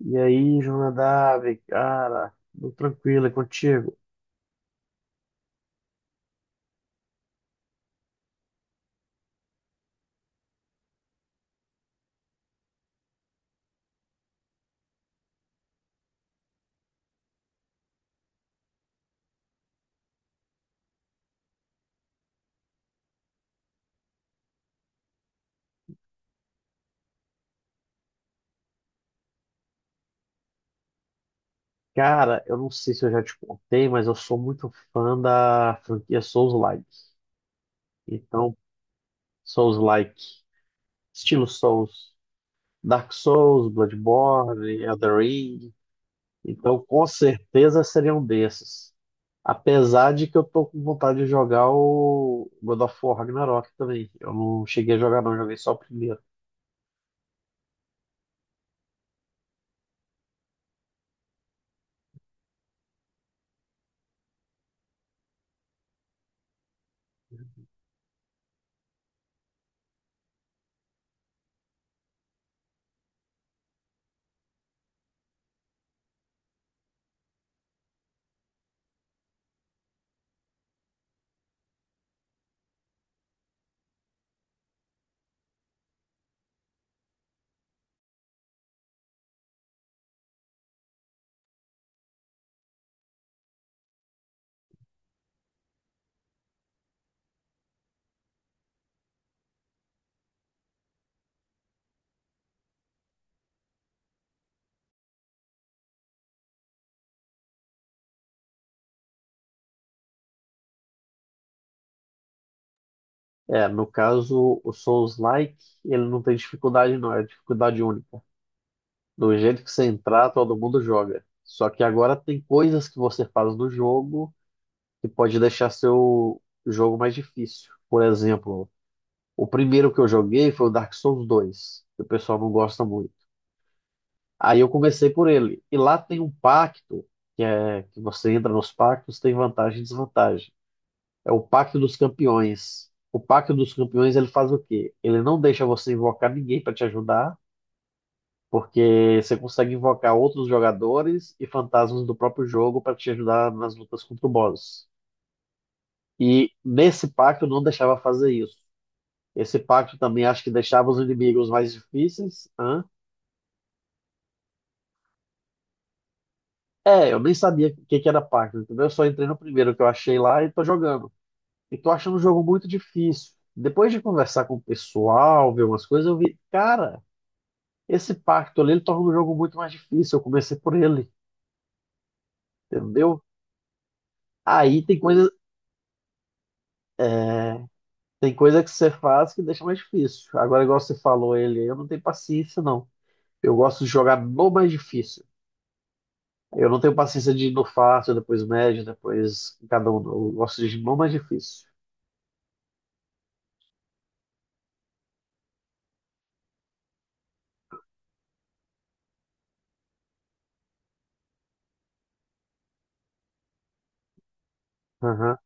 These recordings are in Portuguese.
E aí, Jonadab, cara, tudo tranquilo, é contigo? Cara, eu não sei se eu já te contei, mas eu sou muito fã da franquia Souls-like. Então, Souls-like, estilo Souls, Dark Souls, Bloodborne, Elden Ring. Então, com certeza seria um desses. Apesar de que eu tô com vontade de jogar o God of War Ragnarok também. Eu não cheguei a jogar, não, joguei só o primeiro. É, no caso, o Souls-like, ele não tem dificuldade não, é dificuldade única. Do jeito que você entrar, todo mundo joga. Só que agora tem coisas que você faz no jogo que pode deixar seu jogo mais difícil. Por exemplo, o primeiro que eu joguei foi o Dark Souls 2, que o pessoal não gosta muito. Aí eu comecei por ele. E lá tem um pacto, que é que você entra nos pactos, tem vantagem e desvantagem. É o Pacto dos Campeões. O Pacto dos Campeões ele faz o quê? Ele não deixa você invocar ninguém para te ajudar, porque você consegue invocar outros jogadores e fantasmas do próprio jogo para te ajudar nas lutas contra o boss. E nesse pacto não deixava fazer isso. Esse pacto também acho que deixava os inimigos mais difíceis. Hã? É, eu nem sabia o que que era pacto, entendeu? Eu só entrei no primeiro que eu achei lá e tô jogando. E tô achando o jogo muito difícil. Depois de conversar com o pessoal, ver umas coisas, eu vi, cara. Esse pacto ali, ele torna o jogo muito mais difícil. Eu comecei por ele, entendeu? Aí tem coisa que você faz que deixa mais difícil. Agora, igual você falou, ele, eu não tenho paciência, não. Eu gosto de jogar no mais difícil. Eu não tenho paciência de ir no fácil, depois médio, depois cada um. Eu gosto de ir no mais difícil. Aham,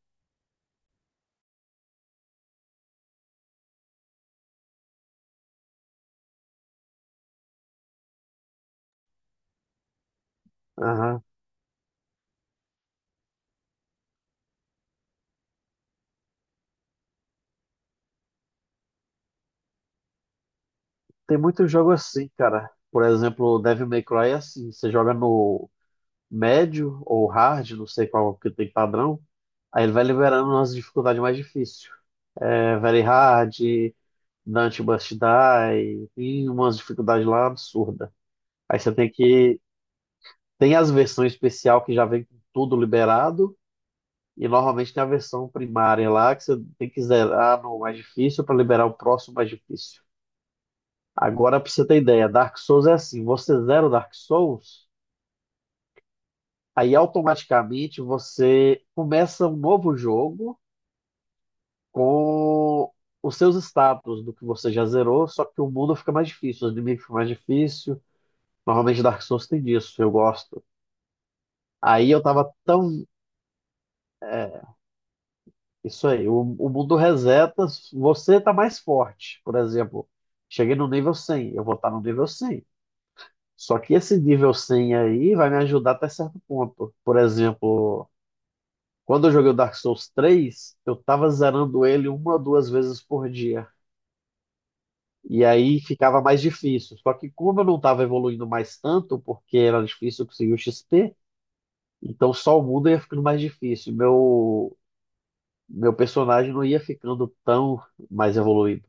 aham. Tem muito jogo assim, cara. Por exemplo, o Devil May Cry é assim. Você joga no médio ou hard, não sei qual que tem padrão. Aí ele vai liberando umas dificuldades mais difíceis. Very Hard, Dante Must Die, tem umas dificuldades lá absurdas. Aí você tem que. Tem as versões especial que já vem com tudo liberado, e normalmente tem a versão primária lá que você tem que zerar no mais difícil para liberar o próximo mais difícil. Agora, para você ter ideia, Dark Souls é assim: você zera o Dark Souls, aí automaticamente você começa um novo jogo com os seus status do que você já zerou, só que o mundo fica mais difícil, os inimigos ficam mais difíceis. Normalmente Dark Souls tem disso, eu gosto. Aí eu tava tão. é, isso aí, o mundo reseta, você tá mais forte. Por exemplo, cheguei no nível 100, eu vou estar no nível 100. Só que esse nível 100 aí vai me ajudar até certo ponto. Por exemplo, quando eu joguei o Dark Souls três, eu tava zerando ele uma ou duas vezes por dia. E aí ficava mais difícil. Só que como eu não estava evoluindo mais tanto, porque era difícil conseguir o XP, então só o mundo ia ficando mais difícil. Meu personagem não ia ficando tão mais evoluído.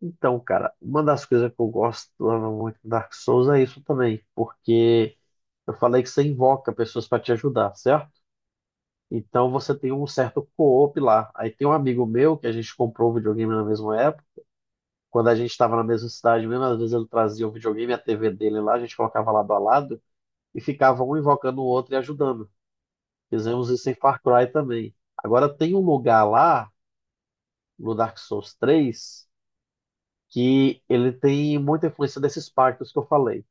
Então, cara, uma das coisas que eu gosto muito do Dark Souls é isso também, porque eu falei que você invoca pessoas para te ajudar, certo? Então você tem um certo co-op lá. Aí tem um amigo meu que a gente comprou o videogame na mesma época, quando a gente estava na mesma cidade mesmo, às vezes ele trazia o videogame e a TV dele lá, a gente colocava lado a lado e ficava um invocando o outro e ajudando. Fizemos isso em Far Cry também. Agora tem um lugar lá, no Dark Souls três que ele tem muita influência desses pactos que eu falei.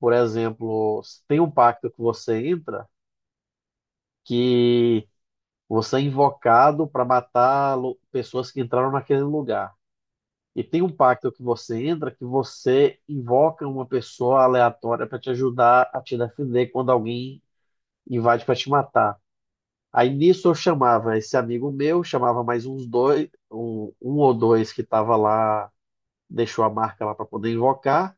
Por exemplo, tem um pacto que você entra que você é invocado para matar pessoas que entraram naquele lugar. E tem um pacto que você entra que você invoca uma pessoa aleatória para te ajudar a te defender quando alguém invade para te matar. Aí nisso eu chamava esse amigo meu, chamava mais uns dois, um ou dois que estava lá, deixou a marca lá para poder invocar.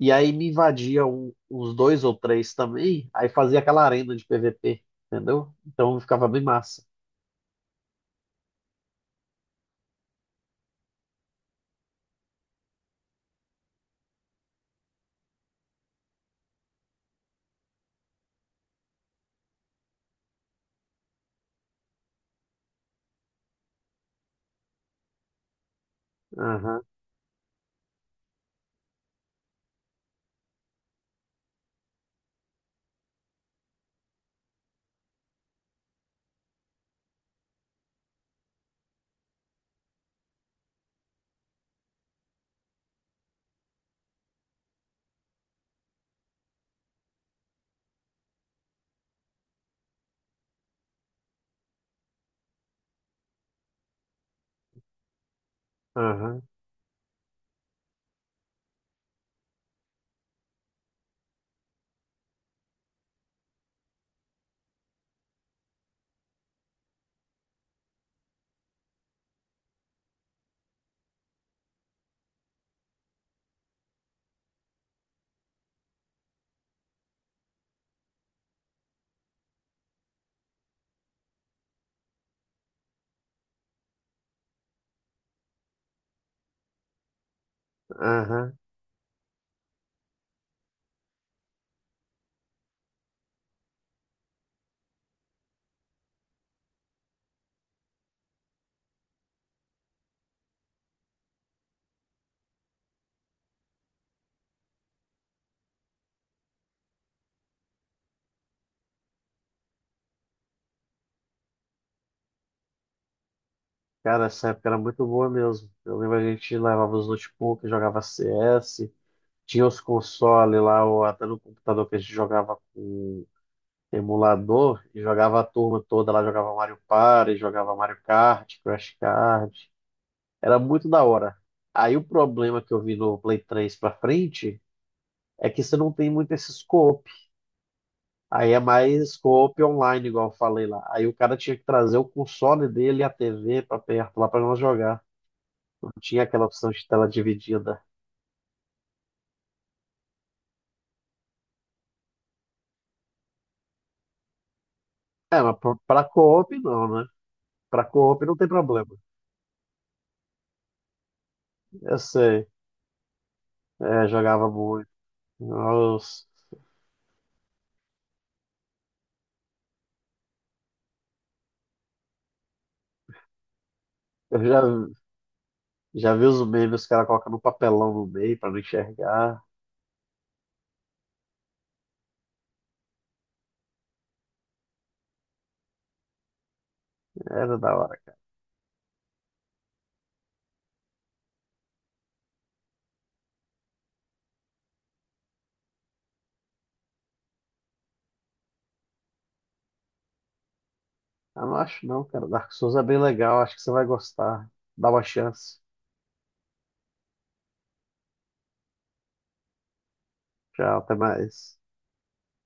E aí me invadia uns dois ou três também, aí fazia aquela arena de PVP, entendeu? Então ficava bem massa. Aham, aham, aham. Cara, essa época era muito boa mesmo. Eu lembro a gente levava os notebooks, jogava CS, tinha os consoles lá, ou até no computador que a gente jogava com emulador, e jogava a turma toda lá, jogava Mario Party, jogava Mario Kart, Crash Card. Era muito da hora. Aí o problema que eu vi no Play 3 pra frente é que você não tem muito esse scope. Aí é mais scope online, igual eu falei lá. Aí o cara tinha que trazer o console dele e a TV pra perto lá pra nós jogar. Não tinha aquela opção de tela dividida. É, mas pra, pra co-op não, né? Pra co-op não tem problema. Eu sei. É, jogava muito. Nossa, eu já vi os memes, os caras colocando um papelão no meio pra não enxergar. Era da hora. Eu não acho não, cara. Dark Souls é bem legal, acho que você vai gostar. Dá uma chance. Tchau, até mais.